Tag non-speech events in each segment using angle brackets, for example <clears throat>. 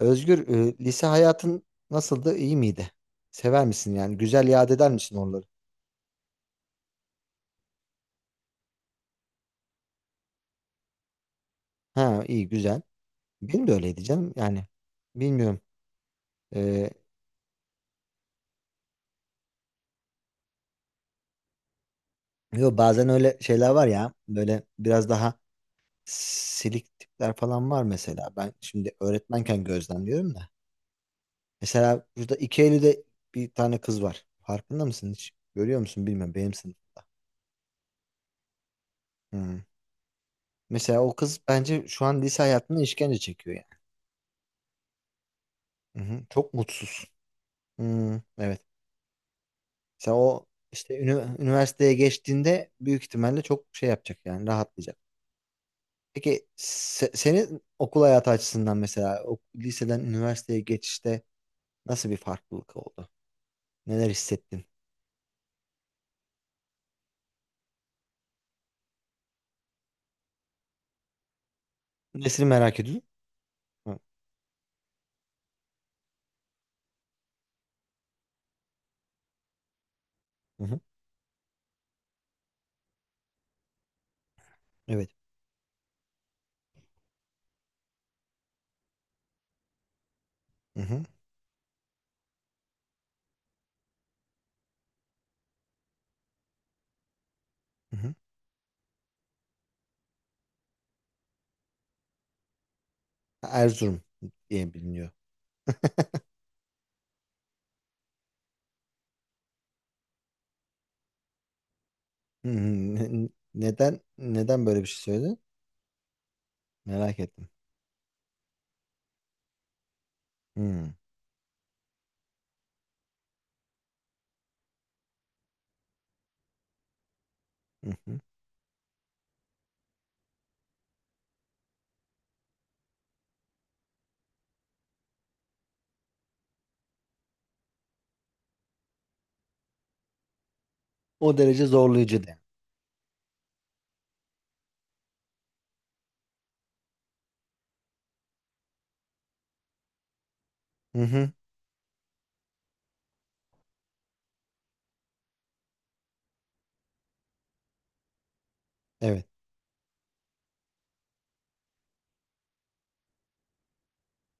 Özgür, lise hayatın nasıldı? İyi miydi? Sever misin yani? Güzel yad eder misin oraları? Ha, iyi, güzel. Benim de öyleydi canım. Yani bilmiyorum. E, Yo, bazen öyle şeyler var ya. Böyle biraz daha silik tipler falan var mesela. Ben şimdi öğretmenken gözlemliyorum da. Mesela burada iki Eylül'de bir tane kız var. Farkında mısın hiç? Görüyor musun bilmiyorum. Benim sınıfımda. Hı. Mesela o kız bence şu an lise hayatında işkence çekiyor yani. Hı hı. Çok mutsuz. Hı, evet. Sen o işte üniversiteye geçtiğinde büyük ihtimalle çok şey yapacak yani rahatlayacak. Peki senin okul hayatı açısından mesela o liseden üniversiteye geçişte nasıl bir farklılık oldu? Neler hissettin? Nesini merak ediyorsun? Hı hı. Hı. Evet. Hı hı. Hı hı. Erzurum diye biliniyor. Hı hı. Ne- Neden böyle bir şey söyledin? Merak ettim. Hı hı. Hı. O derece zorlayıcı de. Hı hı. Evet.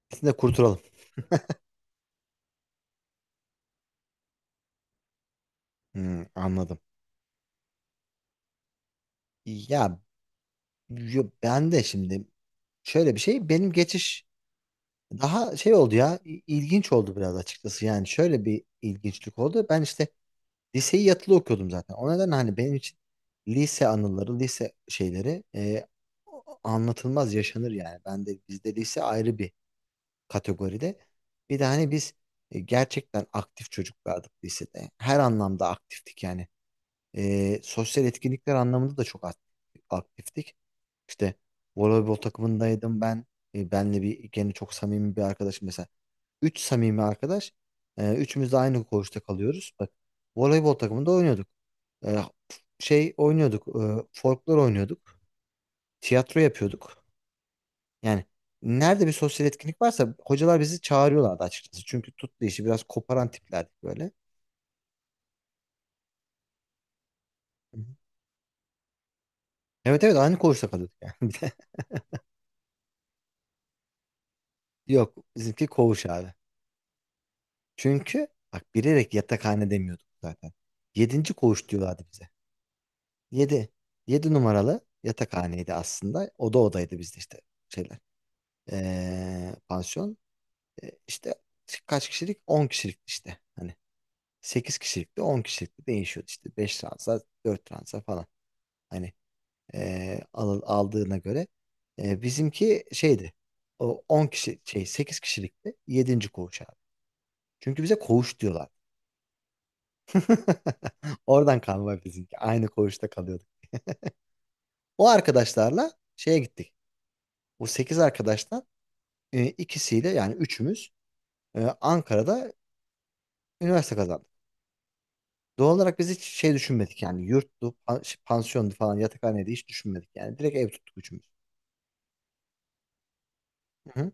Siz de kurtulalım. Hı, anladım. Ya, yo, ben de şimdi şöyle bir şey benim geçiş daha şey oldu ya ilginç oldu biraz açıkçası, yani şöyle bir ilginçlik oldu. Ben işte liseyi yatılı okuyordum zaten, o nedenle hani benim için lise anıları, lise şeyleri, anlatılmaz yaşanır yani. Ben de bizde lise ayrı bir kategoride. Bir de hani biz, gerçekten aktif çocuklardık lisede, her anlamda aktiftik yani. Sosyal etkinlikler anlamında da çok aktiftik. İşte voleybol takımındaydım ben. E, benle bir gene çok samimi bir arkadaşım mesela. Üç samimi arkadaş. E, üçümüz de aynı koğuşta kalıyoruz. Bak, voleybol takımında oynuyorduk. E, Şey oynuyorduk. E, folklor oynuyorduk. Tiyatro yapıyorduk. Yani nerede bir sosyal etkinlik varsa hocalar bizi çağırıyorlardı açıkçası. Çünkü tuttu, işi biraz koparan tiplerdik böyle. Hı hı. Evet, evet, aynı koğuşta kalıyorduk yani. <laughs> Yok, bizimki koğuş abi. Çünkü bak, bilerek yatakhane demiyorduk zaten. Yedinci koğuş diyorlardı bize. Yedi. Yedi numaralı yatakhaneydi aslında. Oda odaydı bizde, işte şeyler. Pansiyon. İşte kaç kişilik? On kişilik işte. Hani 8 kişilikte 10 kişilikte değişiyordu işte. 5 transa, 4 transa falan. Hani aldığına göre. Bizimki şeydi. O 10 kişi şey, 8 kişilikti. Yedinci koğuş abi. Çünkü bize koğuş diyorlar. <laughs> Oradan kalma bizimki. Aynı koğuşta kalıyorduk. O arkadaşlarla şeye gittik. O 8 arkadaştan ikisiyle, yani üçümüz, Ankara'da üniversite kazandık. Doğal olarak biz hiç şey düşünmedik yani, yurttu, pansiyondu falan, yatakhaneydi, hiç düşünmedik yani. Direkt ev tuttuk üçümüz. Hı hı.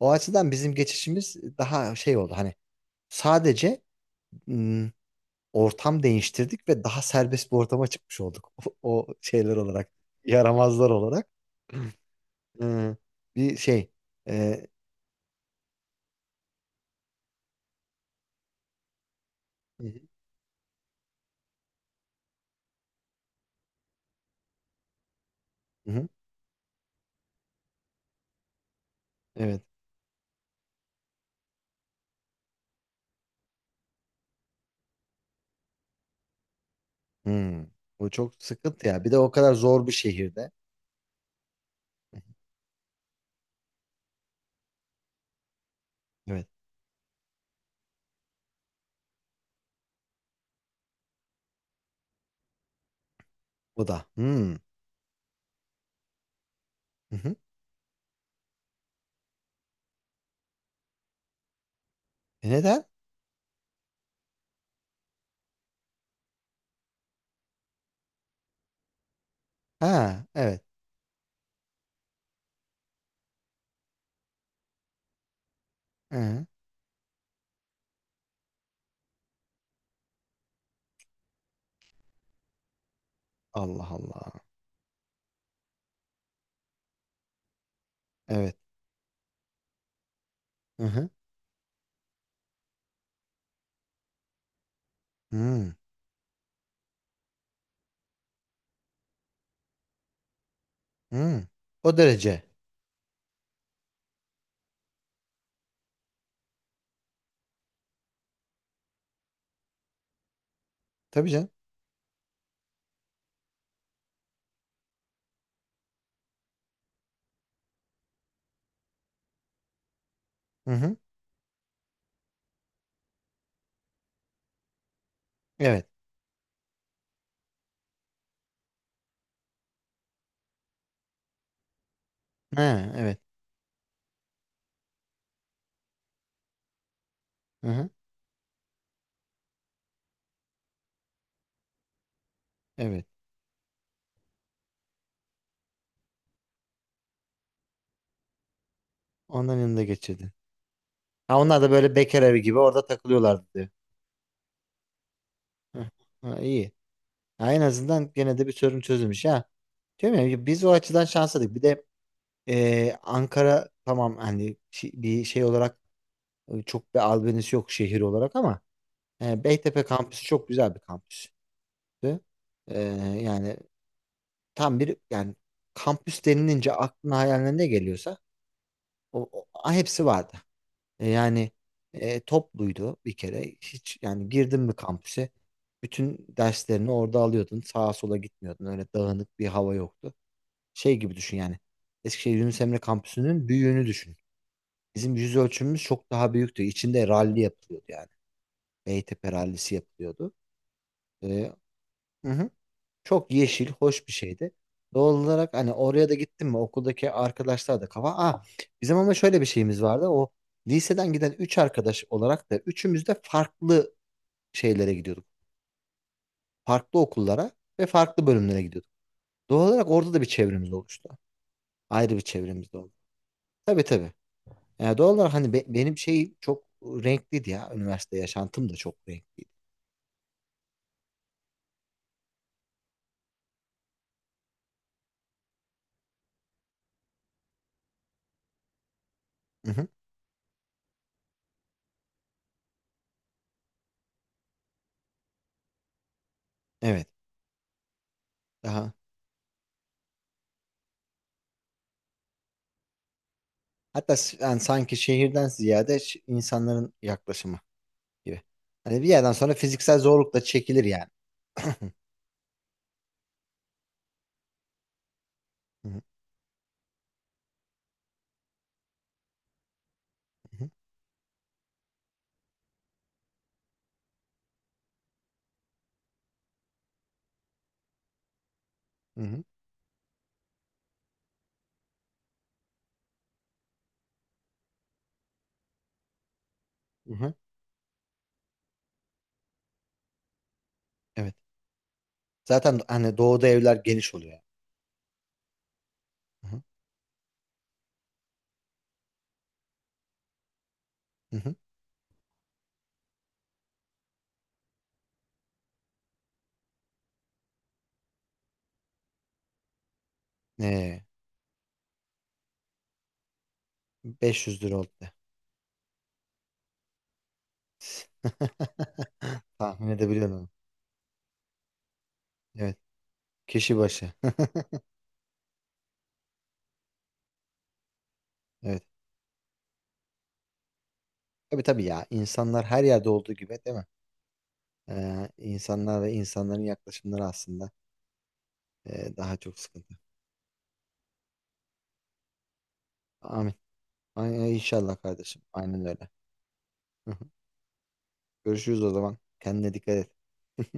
O açıdan bizim geçişimiz daha şey oldu, hani sadece ım, ortam değiştirdik ve daha serbest bir ortama çıkmış olduk. <laughs> O, o şeyler olarak, yaramazlar olarak. Hı. Bir şey. e, Hı hı. Hı. Evet. Hı. Bu çok sıkıntı ya. Bir de o kadar zor bir şehirde. Evet. Bu da. Hı. Hı hı. E neden? Ha, evet. Hı. Allah Allah. Evet. Hı hı. Hı. Hı. O derece. Tabii canım. Hı hı. Evet. Ha, evet. Hı hı. Evet. Onların yanında geçirdi. Ha, onlar da böyle bekar evi gibi orada takılıyorlardı diyor. Hı. Ha, iyi. Ha, en azından gene de bir sorun çözülmüş ha. Değil mi? Biz o açıdan şanslıydık. Bir de ee, Ankara tamam, hani bir şey olarak, çok bir albenisi yok şehir olarak ama Beytepe kampüsü çok güzel bir kampüstü. Ee, yani tam bir yani kampüs denilince aklına hayaline ne geliyorsa o, hepsi vardı. Yani topluydu bir kere. Hiç yani, girdin mi kampüse bütün derslerini orada alıyordun. Sağa sola gitmiyordun. Öyle dağınık bir hava yoktu. Şey gibi düşün yani. Eskişehir Yunus Emre kampüsünün büyüğünü düşün. Bizim yüz ölçümümüz çok daha büyüktü. İçinde ralli yapılıyordu yani. Beytepe rallisi yapılıyordu. Ee, hı hı. Çok yeşil, hoş bir şeydi. Doğal olarak hani, oraya da gittim mi okuldaki arkadaşlar da kafa. Aa, bizim ama şöyle bir şeyimiz vardı. O liseden giden üç arkadaş olarak da üçümüz de farklı şeylere gidiyorduk. Farklı okullara ve farklı bölümlere gidiyorduk. Doğal olarak orada da bir çevremiz oluştu. Ayrı bir çevremiz de oldu. Tabii tabii. Yani doğal olarak hani benim şey çok renkliydi ya. Üniversite yaşantım da çok renkliydi. Mhm. Evet. Daha. Hatta s- yani sanki şehirden ziyade ş- insanların yaklaşımı gibi. Hani bir yerden sonra fiziksel zorluk da çekilir yani. <clears throat> Hı hı, hı hı, hı hı. Hı hı. Evet. Zaten hani doğuda evler geniş oluyor. Hı hı, hı hı. Ee, 500 lira oldu. De. <laughs> Tahmin edebiliyorum onu. Evet. Kişi başı. <laughs> Evet. Tabii tabii ya. İnsanlar her yerde olduğu gibi değil mi? İnsanlar ve insanların yaklaşımları aslında daha çok sıkıntı. Amin. Ay, ay, inşallah kardeşim. Aynen öyle. <laughs> Görüşürüz o zaman. Kendine dikkat et. <laughs>